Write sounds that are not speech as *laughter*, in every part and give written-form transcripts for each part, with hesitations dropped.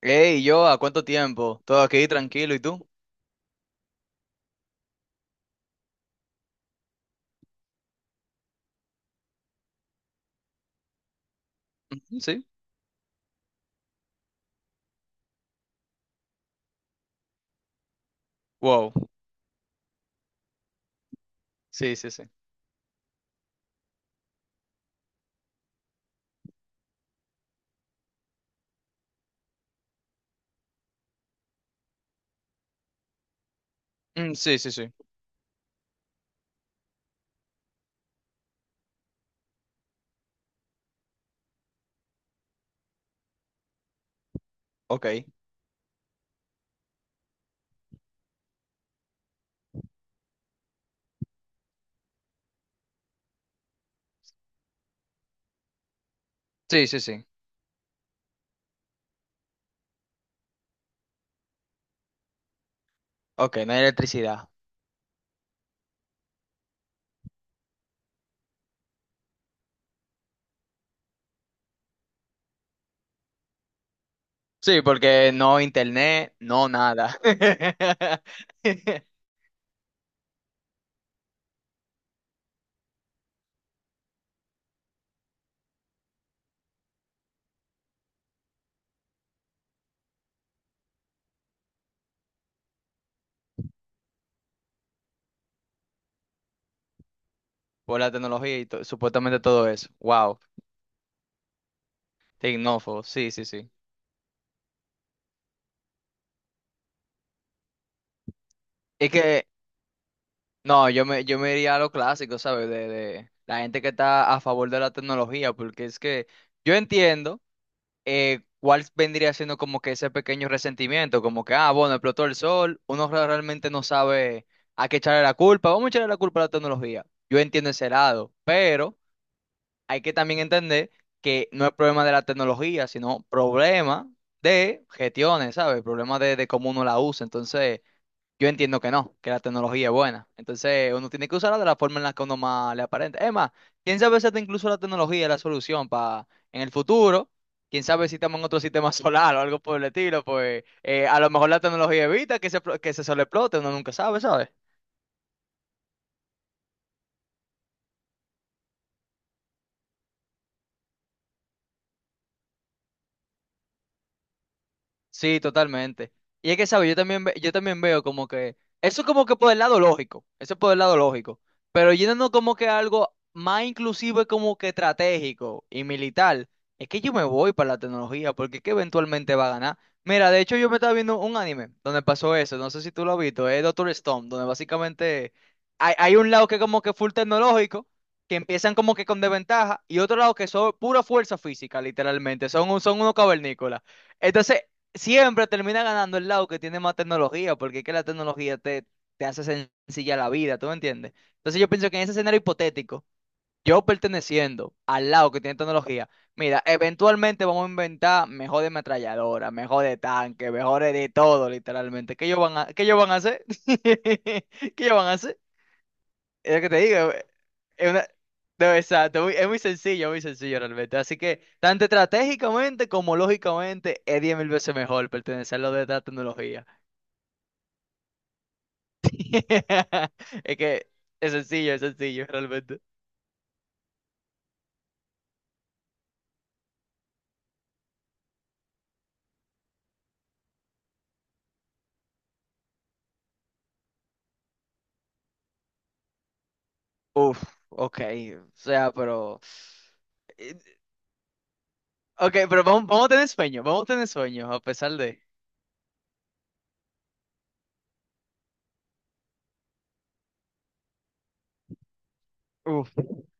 Hey, yo, ¿a cuánto tiempo? Todo aquí tranquilo, ¿y tú? Ujú, sí. Wow. Sí, sí, sí. Sí, sí, sí. Ok. Sí, sí, sí. Ok, no hay electricidad. Sí, porque no internet, no nada. *laughs* Por la tecnología y to- supuestamente todo eso. Wow. Tecnófobo, sí, sí, sí. Es que, no, yo me iría a lo clásico, ¿sabes? De la gente que está a favor de la tecnología, porque es que yo entiendo. ¿Cuál vendría siendo como que ese pequeño resentimiento? Como que, ah, bueno, explotó el sol, uno realmente no sabe a qué echarle la culpa, vamos a echarle la culpa a la tecnología. Yo entiendo ese lado, pero hay que también entender que no es problema de la tecnología, sino problema de gestiones, ¿sabes? Problema de cómo uno la usa. Entonces, yo entiendo que no, que la tecnología es buena. Entonces, uno tiene que usarla de la forma en la que uno más le aparenta. Es más, quién sabe si hasta incluso la tecnología es la solución para en el futuro. Quién sabe si estamos en otro sistema *laughs* solar o algo por el estilo, pues a lo mejor la tecnología evita que se, que se sobreexplote, uno nunca sabe, ¿sabes? Sí, totalmente. Y es que, ¿sabes? Yo también veo como que... Eso es como que por el lado lógico. Eso es por el lado lógico. Pero yéndonos como que a algo más inclusivo como que estratégico y militar. Es que yo me voy para la tecnología porque es que eventualmente va a ganar. Mira, de hecho yo me estaba viendo un anime donde pasó eso. No sé si tú lo has visto. Es Doctor Stone, donde básicamente hay un lado que como que full tecnológico. Que empiezan como que con desventaja y otro lado que son pura fuerza física, literalmente, son unos cavernícolas. Entonces, siempre termina ganando el lado que tiene más tecnología, porque es que te hace sencilla la vida, ¿tú me entiendes? Entonces yo pienso que en ese escenario hipotético, yo perteneciendo al lado que tiene tecnología, mira, eventualmente vamos a inventar mejores metralladoras, mejores tanques, mejores de todo, literalmente. ¿Qué ellos van a hacer? *laughs* ¿Qué ellos van a hacer? Es lo que te digo. Es una- No, exacto, es muy sencillo realmente. Así que, tanto estratégicamente como lógicamente, es 10.000 veces mejor pertenecer a lo de la tecnología. *laughs* Es que es sencillo realmente. Uf, ok, o sea, pero... eh, Ok, pero vamos, vamos a tener sueño, vamos a tener sueño, a pesar de... Uf,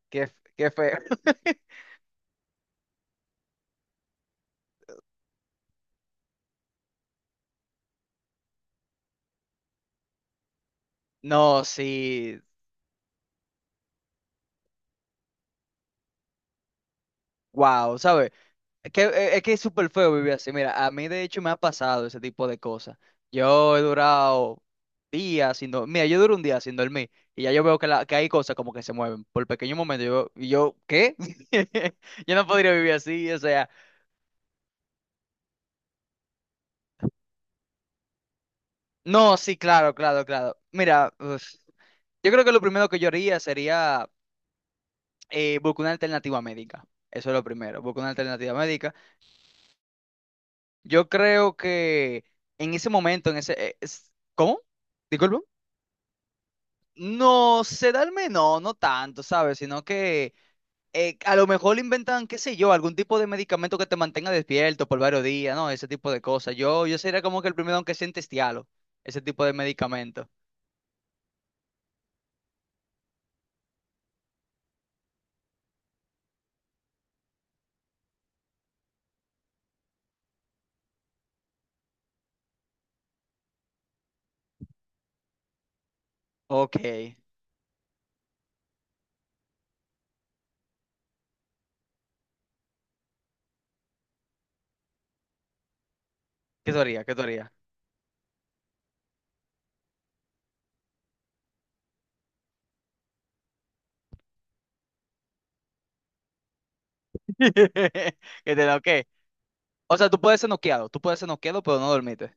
qué, qué feo. *laughs* No, sí, wow, ¿sabes? Es que, es que es súper feo vivir así. Mira, a mí de hecho me ha pasado ese tipo de cosas. Yo he durado días sin dormir. Mira, yo duro un día sin dormir y ya yo veo que hay cosas como que se mueven por pequeño momento. ¿Qué? *laughs* Yo no podría vivir así, o sea. No, sí, claro, claro, claro. Mira, uf, yo creo que lo primero que yo haría sería buscar una alternativa médica. Eso es lo primero, buscar una alternativa médica. Yo creo que en ese momento, en ese... ¿Cómo? No, sedarme no, no tanto, ¿sabes? Sino que a lo mejor inventan, qué sé yo, algún tipo de medicamento que te mantenga despierto por varios días, ¿no? Ese tipo de cosas. Yo sería como que el primero aunque sea en testialo, ese tipo de medicamento. Ok. ¿Qué tú harías? ¿Qué tú harías? *laughs* ¿Qué te da? ¿Qué? O sea, tú puedes ser noqueado, tú puedes ser noqueado, pero no dormiste.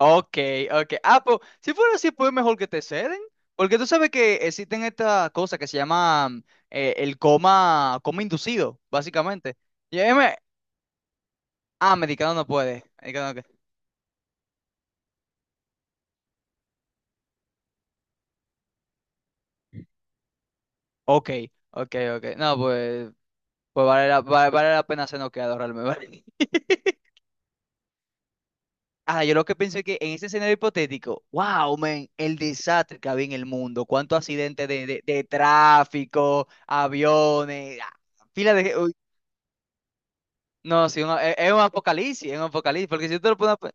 Ok, ok. Ah, pues, si fuera así, pues mejor que te ceden. Porque tú sabes que existen estas cosas que se llaman el coma, coma inducido, básicamente. Y ahí me- ah, medicado no puede. Medicado no que- Ok, ok, ok. No, pues, vale la pena ser noqueado realmente. Vale. *laughs* Ah, yo lo que pienso es que en ese escenario hipotético, wow, man, el desastre que había en el mundo, cuántos accidentes de tráfico, aviones, ah, fila de, No, sí, es un apocalipsis, porque si tú te lo pones,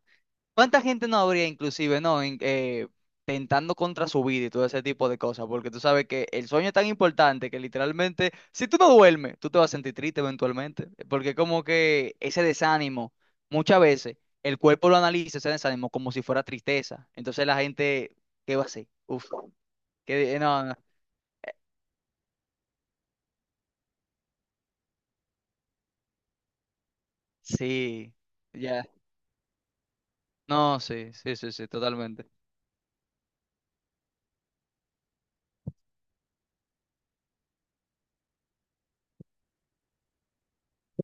¿cuánta gente no habría inclusive, no, tentando contra su vida y todo ese tipo de cosas? Porque tú sabes que el sueño es tan importante que literalmente, si tú no duermes, tú te vas a sentir triste eventualmente, porque como que ese desánimo, muchas veces el cuerpo lo analiza ese desánimo como si fuera tristeza, entonces la gente, ¿qué va a hacer? Uf, que no, no, sí, ya, no, sí, sí, sí, sí, totalmente.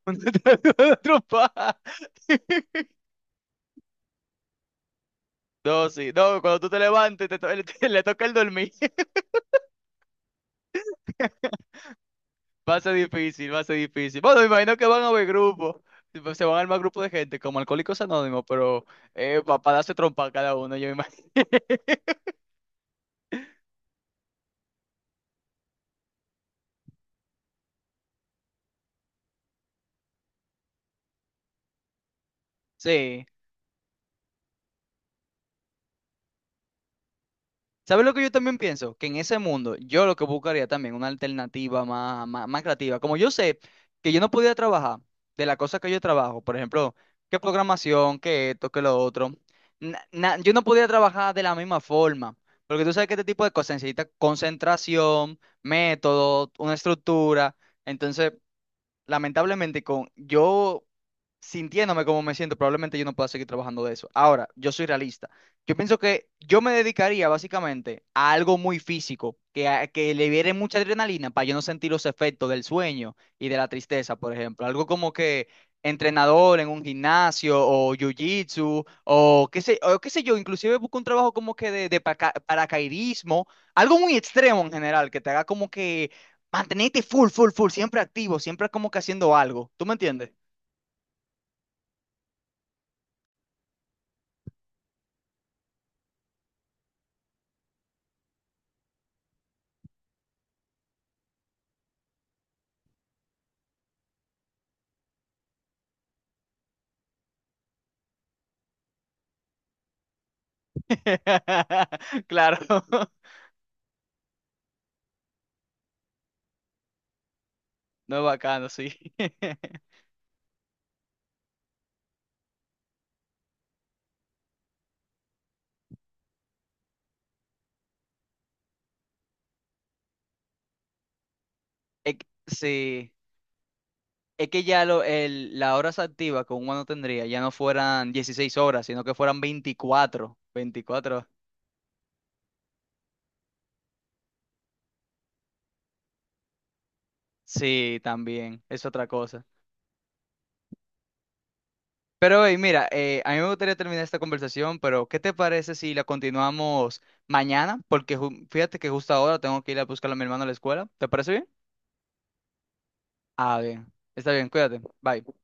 *laughs* Una trompada. *laughs* No, sí. No, cuando tú te levantes, *laughs* le toca el dormir. *laughs* Va a ser difícil, va a ser difícil. Bueno, me imagino que van a haber grupos. Tipo, se van a armar grupos de gente, como Alcohólicos Anónimos, pero para darse trompa cada uno, yo me imagino. *laughs* Sí. ¿Sabes lo que yo también pienso? Que en ese mundo yo lo que buscaría también una alternativa más, más, más creativa. Como yo sé que yo no podía trabajar de la cosa que yo trabajo, por ejemplo, qué programación, qué esto, qué lo otro, yo no podía trabajar de la misma forma. Porque tú sabes que este tipo de cosas necesita concentración, método, una estructura. Entonces, lamentablemente, con yo sintiéndome como me siento, probablemente yo no pueda seguir trabajando de eso. Ahora, yo soy realista. Yo pienso que yo me dedicaría básicamente a algo muy físico, que libere mucha adrenalina para yo no sentir los efectos del sueño y de la tristeza, por ejemplo. Algo como que entrenador en un gimnasio o jiu-jitsu o qué sé yo, inclusive busco un trabajo como que de paracaidismo, algo muy extremo en general, que te haga como que mantenete full, full, full, siempre activo, siempre como que haciendo algo. ¿Tú me entiendes? *laughs* Claro, *laughs* no es bacano, sí. *laughs* Es que- sí, es que ya lo, el, las horas activas que uno no tendría ya no fueran 16 horas, sino que fueran 24 24 Sí, también, es otra cosa. Pero, hey, mira, a mí me gustaría terminar esta conversación, pero ¿qué te parece si la continuamos mañana? Porque fíjate que justo ahora tengo que ir a buscar a mi hermano a la escuela. ¿Te parece bien? Ah, bien. Está bien, cuídate. Bye.